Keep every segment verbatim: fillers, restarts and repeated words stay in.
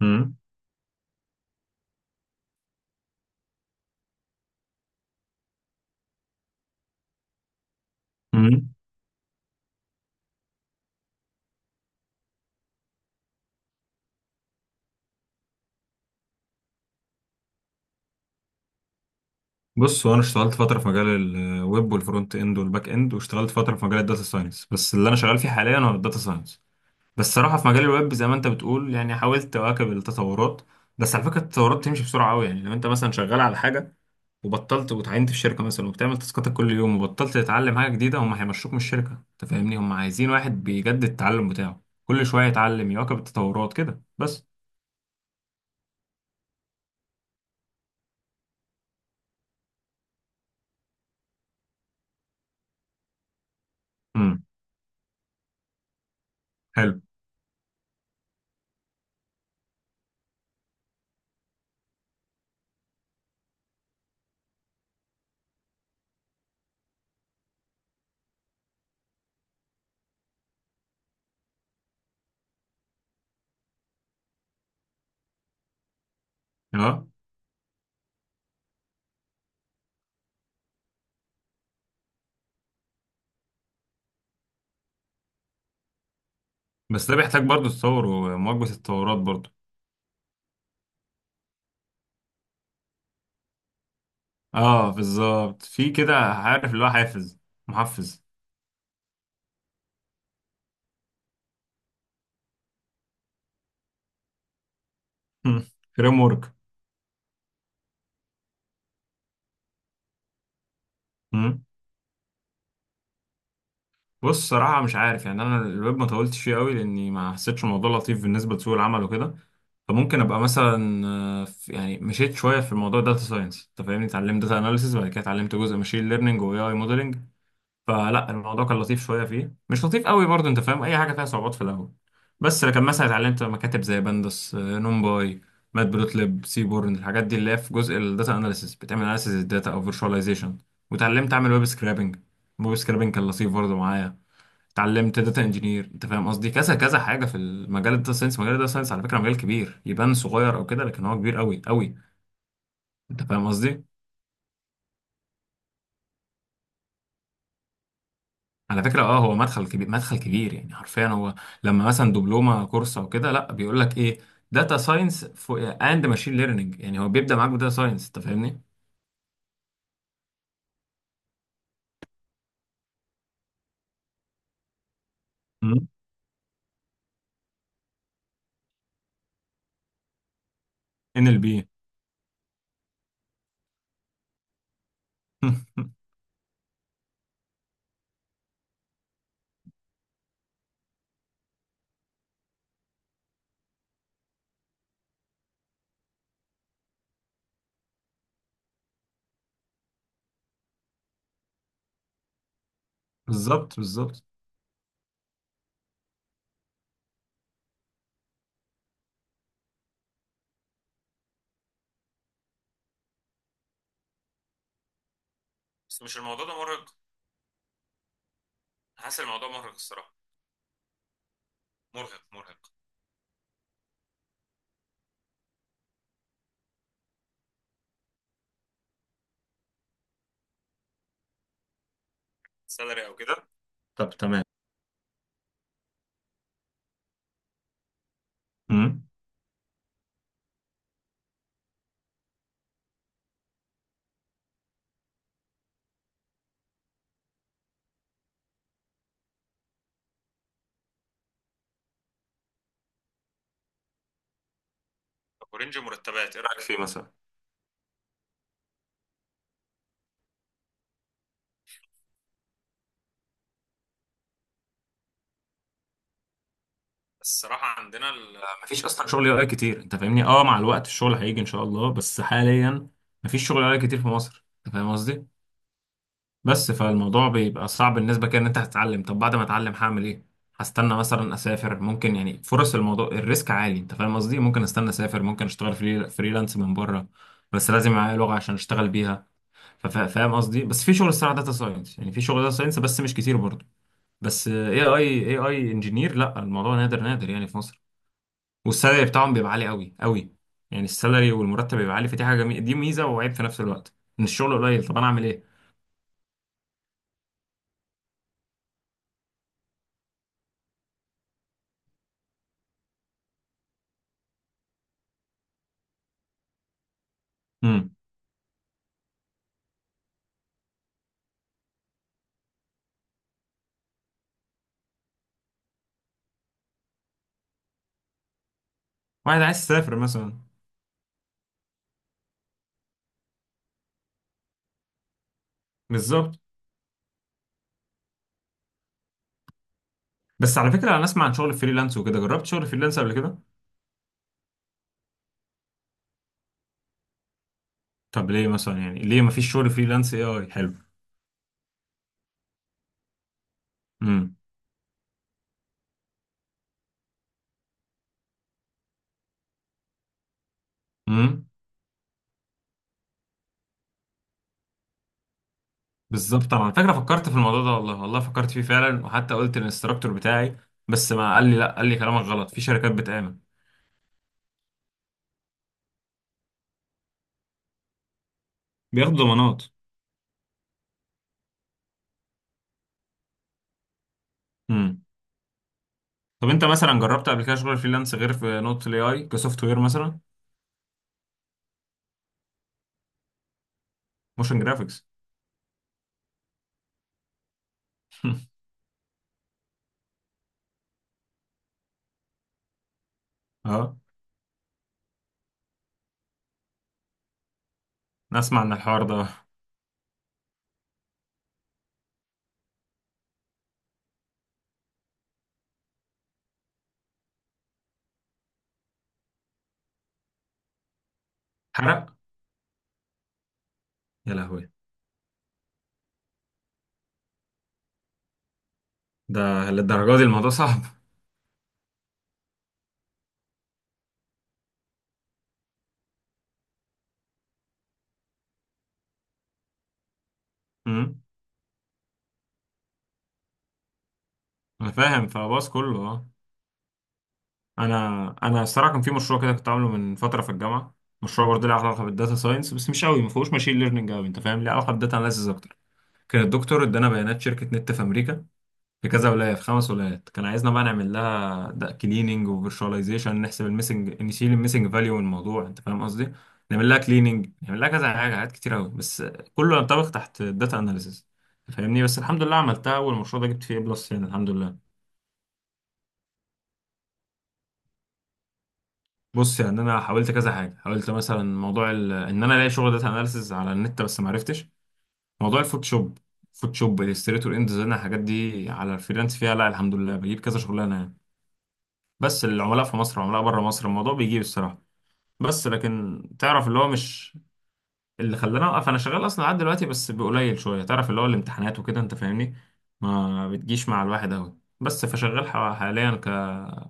مم. مم. بص، هو انا اشتغلت فتره في مجال الويب والفرونت اند والباك اند، واشتغلت فتره في مجال الداتا ساينس، بس اللي انا شغال فيه حاليا هو الداتا ساينس. بس صراحه في مجال الويب زي ما انت بتقول يعني حاولت اواكب التطورات، بس على فكره التطورات بتمشي بسرعه قوي. يعني لو انت مثلا شغال على حاجه وبطلت، وتعينت في شركه مثلا وبتعمل تاسكاتك كل يوم، وبطلت تتعلم حاجه جديده، هم هيمشوك من الشركه. انت فاهمني، هم عايزين واحد بيجدد التعلم بتاعه كل شويه، يتعلم يواكب التطورات كده بس. امم. حلو. اه بس ده بيحتاج برضو تطور ومواكبة التطورات برضو. اه بالظبط، في كده، عارف اللي هو حافز، محفز. فريم ورك. مم. بص صراحة مش عارف. يعني انا الويب ما طولتش فيه قوي لاني ما حسيتش الموضوع لطيف بالنسبة لسوق العمل وكده. فممكن ابقى مثلا، آه، في- يعني مشيت شوية في موضوع داتا ساينس. انت فاهمني، اتعلمت داتا اناليسيس، بعد كده اتعلمت جزء ماشين ليرنينج واي اي موديلنج. فلا الموضوع كان لطيف شويه، فيه مش لطيف قوي برضه. انت فاهم، اي حاجه فيها صعوبات في الاول. بس لكن مثلا اتعلمت مكاتب زي بندس، آه، نمباي، ماتبلوتلib، سيبورن، الحاجات دي اللي هي في جزء الداتا اناليسيس، بتعمل اناليسيس الداتا او فيرشواليزيشن. واتعلمت اعمل ويب سكرابنج، الويب سكرابنج كان لطيف برضه معايا. اتعلمت داتا انجينير. انت فاهم قصدي، كذا كذا حاجه في المجال الداتا ساينس. مجال الداتا ساينس على فكره مجال كبير، يبان صغير او كده لكن هو كبير قوي قوي. انت فاهم قصدي؟ على فكرة اه هو مدخل كبير، مدخل كبير، يعني حرفيا هو لما مثلا دبلومة كورس او كده، لا بيقول لك ايه؟ داتا ساينس اند ماشين ليرنينج. يعني هو بيبدأ معاك بداتا ساينس. انت فاهمني؟ ان ال بي. بالظبط بالظبط. بس مش الموضوع ده مرهق؟ حاسس الموضوع مرهق الصراحه. مرهق مرهق. سالري او كده؟ طب تمام. مم. طب ورينج مرتبات، ايه رايك في فيه مثلا؟ بس الصراحه عندنا ال... مفيش اصلا شغل يو اي كتير. انت فاهمني، اه مع الوقت الشغل هيجي ان شاء الله، بس حاليا مفيش شغل يو اي كتير في مصر. انت فاهم قصدي، بس فالموضوع بيبقى صعب بالنسبة كده. ان انت هتتعلم، طب بعد ما اتعلم هعمل ايه؟ هستنى مثلا اسافر، ممكن؟ يعني فرص الموضوع، الريسك عالي. انت فاهم قصدي، ممكن استنى اسافر، ممكن اشتغل فري فريلانس من بره. بس لازم معايا لغة عشان اشتغل بيها. ففا- فاهم قصدي؟ بس في شغل الصراحة داتا ساينس، يعني في شغل داتا ساينس بس مش كتير برضه. بس اي اي اي اي انجينير لا، الموضوع نادر نادر يعني في مصر. والسالري بتاعهم بيبقى عالي قوي قوي. يعني السالري والمرتب بيبقى عالي، فدي حاجة جميلة، دي ميزة وعيب في نفس الوقت. ان الشغل قليل، طب انا اعمل ايه؟ امم. واحد عايز يسافر مثلا. بالظبط. بس على فكرة، أنا أسمع عن شغل فريلانس وكده، جربت شغل فريلانس قبل كده. طب ليه مثلا؟ يعني ليه مفيش شغل فريلانس اي اي حلو؟ امم. امم. بالظبط. أنا على فكرة فكرت في الموضوع ده، والله والله فكرت فيه فعلا، وحتى قلت للانستراكتور بتاعي. بس ما قال لي لا، قال لي كلامك غلط، في شركات بتعمل. بياخدوا ضمانات. امم. طب أنت مثلا جربت قبل كده شغل فريلانس، غير في نقطة الاي اي، كسوفت وير مثلا؟ موشن جرافيكس. اه. نسمع عن الحوار ده. حرق. يا لهوي. ده للدرجة دي الموضوع صعب؟ امم. انا فاهم، فباص كله اه. انا انا الصراحه كان في مشروع كده كنت عامله من فتره في الجامعه. مشروع برضه له علاقه بالداتا ساينس، بس مش قوي، ما فيهوش ماشين ليرنينج قوي. انت فاهم، ليه علاقه بالداتا اناليسيس اكتر. كان الدكتور ادانا بيانات شركه نت في امريكا، في كذا ولايه، في خمس ولايات. كان عايزنا بقى نعمل لها كليننج وفيرشواليزيشن، نحسب الميسنج، نشيل الميسنج فاليو من الموضوع. انت فاهم قصدي، نعمل لها كليننج، نعمل لها كذا حاجه، حاجات كتير قوي، بس كله ينطبق تحت الداتا اناليسيس. فاهمني، بس الحمد لله عملتها، والمشروع ده جبت فيه بلس يعني، الحمد لله. بص يعني انا حاولت كذا حاجه. حاولت مثلا موضوع ال... ان انا الاقي شغل داتا اناليسز على النت، بس ما عرفتش. موضوع الفوتوشوب، فوتوشوب الستريتور اند ديزاين، الحاجات دي على الفريلانس فيها، لا الحمد لله بجيب كذا شغلانه يعني. بس العملاء في مصر وعملاء بره مصر، الموضوع بيجيب الصراحه. بس لكن تعرف اللي هو مش... اللي خلاني اوقف، انا شغال اصلا لحد دلوقتي بس بقليل شويه. تعرف اللي هو الامتحانات وكده، انت فاهمني، ما بتجيش مع الواحد قوي. بس فشغال ح- حاليا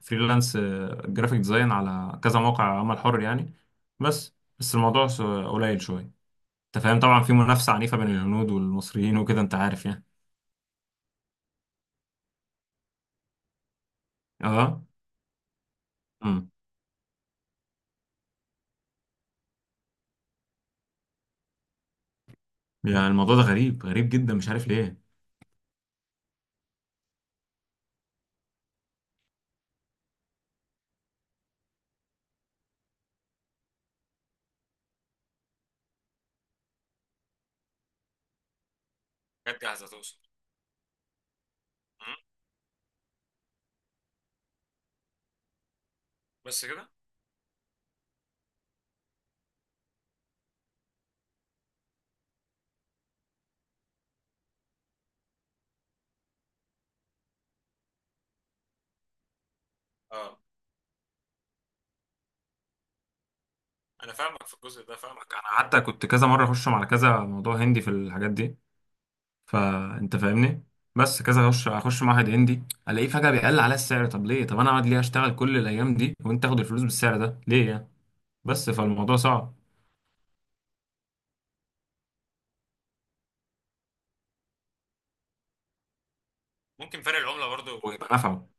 كفريلانس جرافيك ديزاين على كذا موقع عمل حر يعني. بس بس الموضوع س- قليل شويه. انت فاهم طبعا، في منافسه عنيفه بين الهنود والمصريين وكده، انت عارف يعني. اه. امم. يعني الموضوع ده غريب غريب جدا، مش عارف ليه. جت جاهزه توصل. مم. بس كده. اه انا فاهمك في الجزء ده، فاهمك. انا حتى كنت كذا مره اخش على كذا موضوع هندي في الحاجات دي. فانت فاهمني، بس كذا اخش اخش معهد هندي، الاقيه فجأة بيقل على السعر. طب ليه؟ طب انا اقعد ليه اشتغل كل الايام دي، وانت تاخد الفلوس بالسعر ده ليه يعني؟ بس فالموضوع صعب. ممكن فرق العملة برضو يبقى نفعه.